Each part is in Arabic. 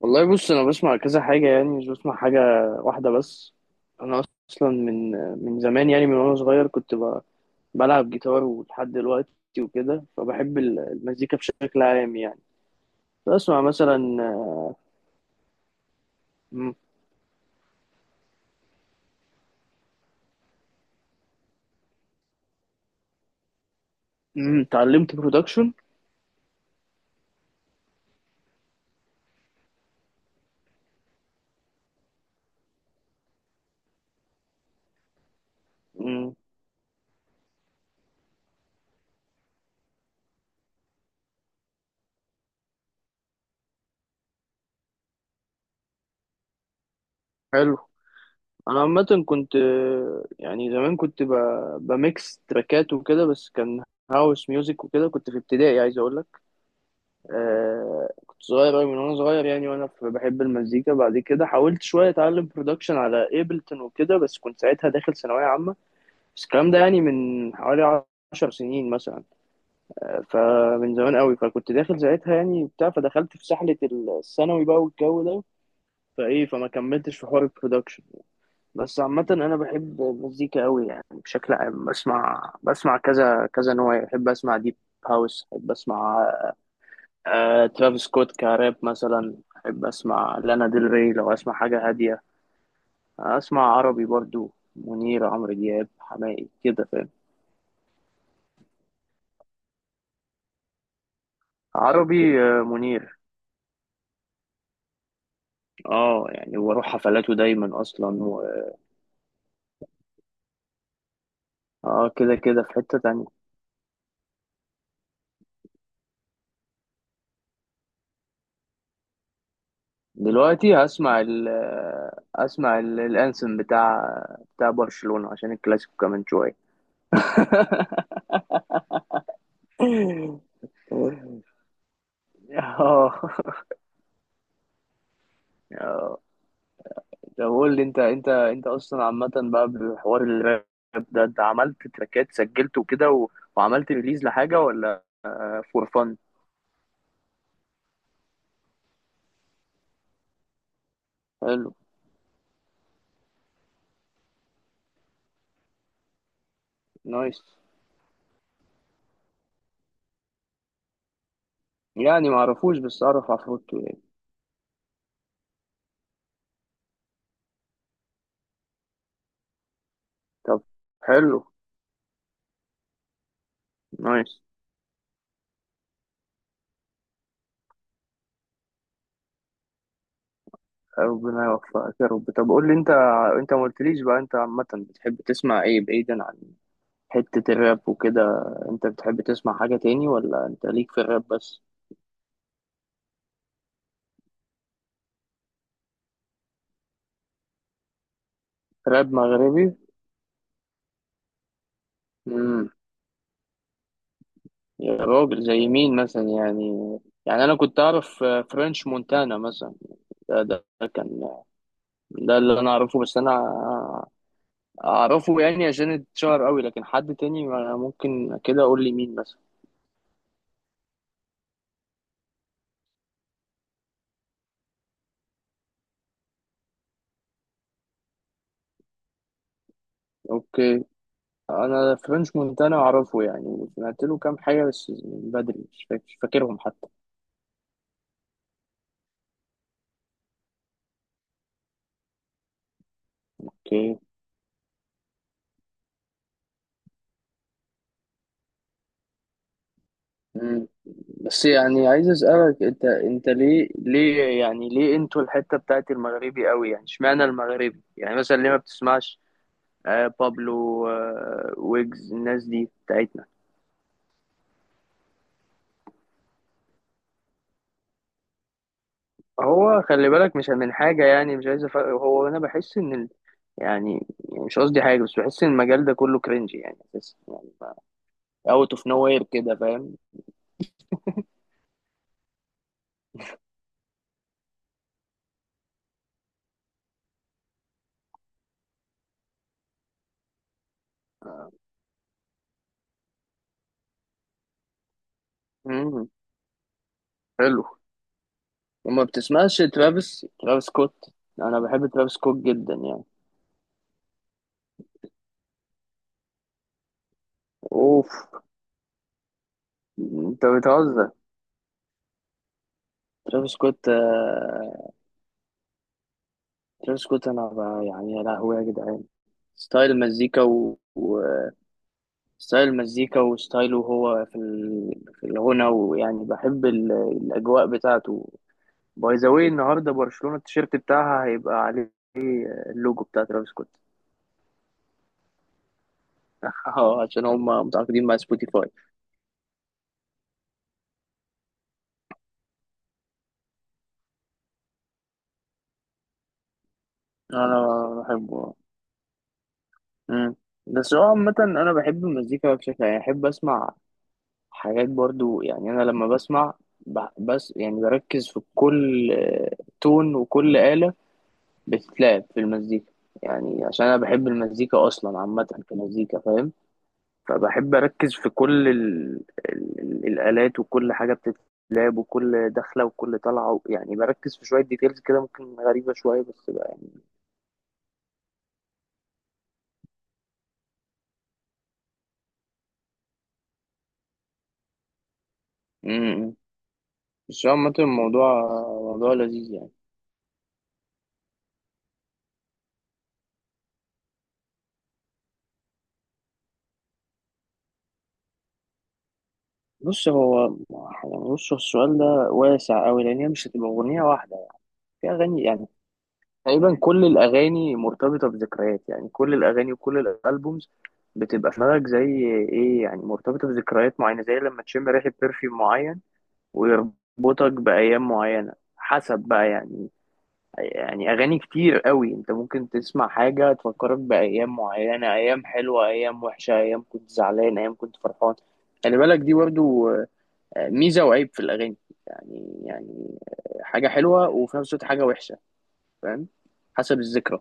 والله بص انا بسمع كذا حاجه، يعني مش بسمع حاجه واحده بس. انا اصلا من زمان، يعني من وانا صغير كنت بلعب جيتار ولحد دلوقتي وكده، فبحب المزيكا بشكل عام، يعني بسمع مثلا. م- اتعلمت برودكشن؟ حلو. انا عامه كنت، يعني زمان، كنت بميكس تراكات وكده، بس كان هاوس ميوزك وكده. كنت في ابتدائي، عايز اقول لك. كنت صغير أوي، من وأنا صغير يعني، وأنا بحب المزيكا. بعد كده حاولت شوية أتعلم برودكشن على إيبلتون وكده، بس كنت ساعتها داخل ثانوية عامة، بس الكلام ده يعني من حوالي 10 سنين مثلا. فمن زمان أوي، فكنت داخل ساعتها يعني بتاع، فدخلت في سحلة الثانوي بقى والجو ده، فإيه فما كملتش في حوار البرودكشن. بس عامة أنا بحب المزيكا أوي، يعني بشكل عام بسمع كذا كذا نوع يعني. بحب أسمع ديب هاوس، بحب أسمع ترافيس سكوت كراب مثلا، أحب أسمع لانا ديل ري لو أسمع حاجة هادية، أسمع عربي برضو، منير، عمرو دياب، حماقي، كده فاهم. عربي منير. اه يعني واروح حفلاته دايما اصلا اه كده كده في حتة تانية. دلوقتي هسمع ال آه، اسمع الانسم بتاع برشلونة، عشان الكلاسيكو كمان شوية. اه. طب قول لي، انت انت اصلا عامه بقى بحوار الراب ده، انت عملت تراكات سجلت وكده وعملت ريليز لحاجه ولا؟ فور فن. حلو. نايس. يعني ما اعرفوش بس اعرف عفروتو يعني. طب حلو. نايس. ربنا يوفقك يا رب. طب قول لي انت ما قلتليش بقى، انت عامه بتحب تسمع ايه بعيدا عن حته الراب وكده؟ انت بتحب تسمع حاجه تاني ولا انت ليك في الراب بس؟ راب مغربي. مم. يا راجل، زي مين مثلا يعني؟ يعني انا كنت اعرف فرنش مونتانا مثلا. ده كان، ده اللي انا اعرفه، بس انا اعرفه يعني عشان اتشهر قوي، لكن حد تاني ممكن كده اقول لي مين مثلا. اوكي. انا فرنش مونتانا اعرفه، يعني سمعت له كام حاجه بس من بدري، مش فاكرهم حتى. اوكي. مم. بس يعني عايز اسالك انت ليه يعني، ليه انتوا الحته بتاعت المغربي قوي يعني؟ اشمعنى المغربي يعني مثلا؟ ليه ما بتسمعش بابلو، ويجز، الناس دي بتاعتنا؟ هو خلي بالك مش من حاجة يعني، مش عايز هو أنا بحس إن يعني مش قصدي حاجة، بس بحس إن المجال ده كله كرنج يعني، بس يعني أوت أوف نو وير كده، فاهم؟ مم. حلو. وما بتسمعش ترافيس سكوت؟ أنا بحب ترافيس سكوت جدا يعني. أوف. أنت بتهزر. ترافيس سكوت ترافيس سكوت، أنا يعني يا لهوي يا جدعان، ستايل مزيكا ستايل المزيكا وستايله، هو في الغنى، ويعني بحب الأجواء بتاعته. باي ذا واي، النهاردة برشلونة التيشيرت بتاعها هيبقى عليه اللوجو بتاع ترافيس سكوت. اه، عشان هم متعاقدين مع سبوتيفاي. أنا بحبه. مم. بس هو عامة أنا بحب المزيكا بشكل يعني، أحب أسمع حاجات برضو يعني. أنا لما بسمع بس يعني بركز في كل تون وكل آلة بتتلعب في المزيكا، يعني عشان انا بحب المزيكا اصلا عامه كمزيكا، فاهم؟ فبحب اركز في كل ال... الالات، وكل حاجه بتتلعب، وكل دخله وكل طلعه يعني بركز في شويه ديتيلز كده، ممكن غريبه شويه بس بقى يعني. امم بس هو عامه، الموضوع موضوع لذيذ يعني. بص هو بص هو السؤال ده واسع قوي، لان هي مش هتبقى اغنيه واحده، في اغاني يعني. تقريبا كل الأغاني مرتبطة بذكريات يعني، كل الأغاني وكل الألبومز بتبقى في دماغك زي إيه يعني، مرتبطة بذكريات معينة، زي لما تشم ريحة برفيوم معين ويربطك بأيام معينة، حسب بقى يعني. يعني أغاني كتير قوي أنت ممكن تسمع حاجة تفكرك بأيام معينة، أيام حلوة، أيام وحشة، أيام كنت زعلان، أيام كنت فرحان. خلي بالك دي برضو ميزة وعيب في الأغاني يعني حاجة حلوة وفي نفس الوقت حاجة وحشة، فاهم؟ حسب الذكرى.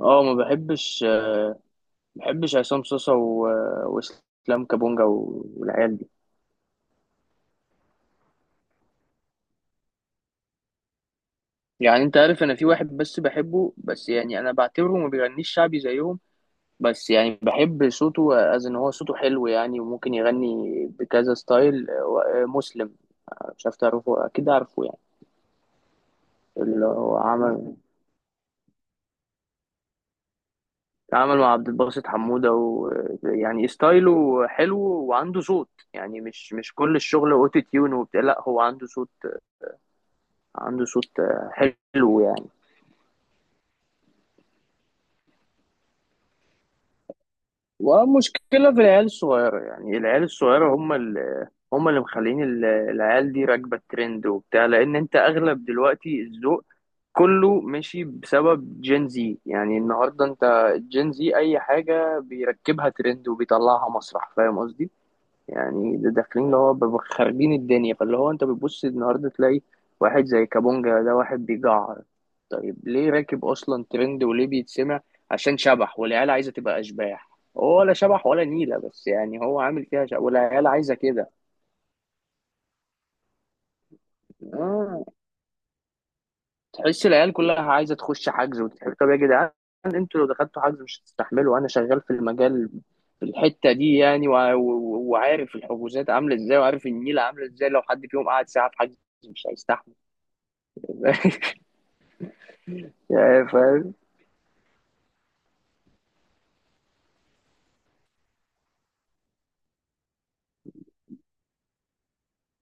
اه، ما بحبش عصام صاصا واسلام كابونجا والعيال دي. يعني انت عارف، انا في واحد بس بحبه، بس يعني انا بعتبره ما بيغنيش شعبي زيهم، بس يعني بحب صوته، از ان هو صوته حلو يعني، وممكن يغني بكذا ستايل مسلم. مش عارف تعرفه، اكيد عارفه يعني. اللي هو عمل مع عبد الباسط حمودة، ويعني ستايله حلو وعنده صوت، يعني مش كل الشغل اوتو تيون وبتاع. لا، هو عنده صوت حلو يعني. ومشكلة في العيال الصغيرة، يعني العيال الصغيرة هم اللي مخلين العيال دي راكبة الترند وبتاع. لأن أنت أغلب دلوقتي الذوق كله ماشي بسبب جين زي، يعني النهاردة أنت جين زي أي حاجة بيركبها ترند وبيطلعها مسرح، فاهم قصدي؟ يعني ده داخلين اللي هو بيبقوا خاربين الدنيا. فاللي هو انت بتبص النهارده تلاقي واحد زي كابونجا ده، واحد بيجعر. طيب ليه راكب اصلا ترند وليه بيتسمع؟ عشان شبح، والعيال عايزه تبقى اشباح. هو ولا شبح ولا نيله، بس يعني هو عامل فيها شبح، والعيال عايزه كده. آه. تحس العيال كلها عايزه تخش حجز وتتحرك. طب يا جدعان، انتوا لو دخلتوا حجز مش هتستحملوا. انا شغال في المجال، في الحته دي يعني، وعارف الحجوزات عامله ازاي، وعارف النيله عامله ازاي. لو حد فيهم قعد ساعه في حجز مش هيستحمل. يعني فاهم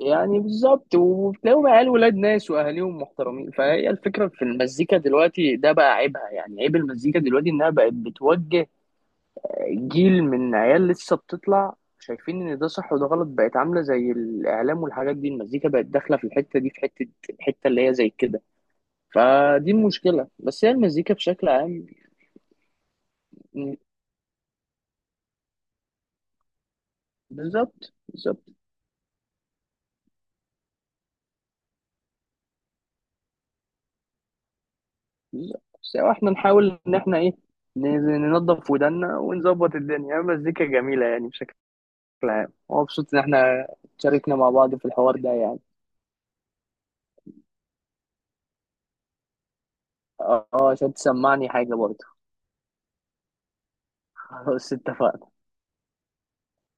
يعني. بالظبط. وبتلاقيهم عيال ولاد ناس واهاليهم محترمين. فهي الفكره في المزيكا دلوقتي ده بقى عيبها، يعني عيب المزيكا دلوقتي انها بقت بتوجه جيل من عيال لسه بتطلع شايفين ان ده صح وده غلط. بقت عامله زي الاعلام والحاجات دي، المزيكا بقت داخله في الحته دي، في حته الحته اللي هي زي كده. فدي المشكله، بس هي المزيكا بشكل عام. بالظبط بالظبط. لا، بس احنا نحاول ان احنا ايه، ننظف ودنا ونظبط الدنيا. مزيكا جميلة يعني بشكل عام. مبسوط ان احنا شاركنا مع بعض في الحوار ده يعني. اه عشان تسمعني حاجة برضه. خلاص اتفقنا.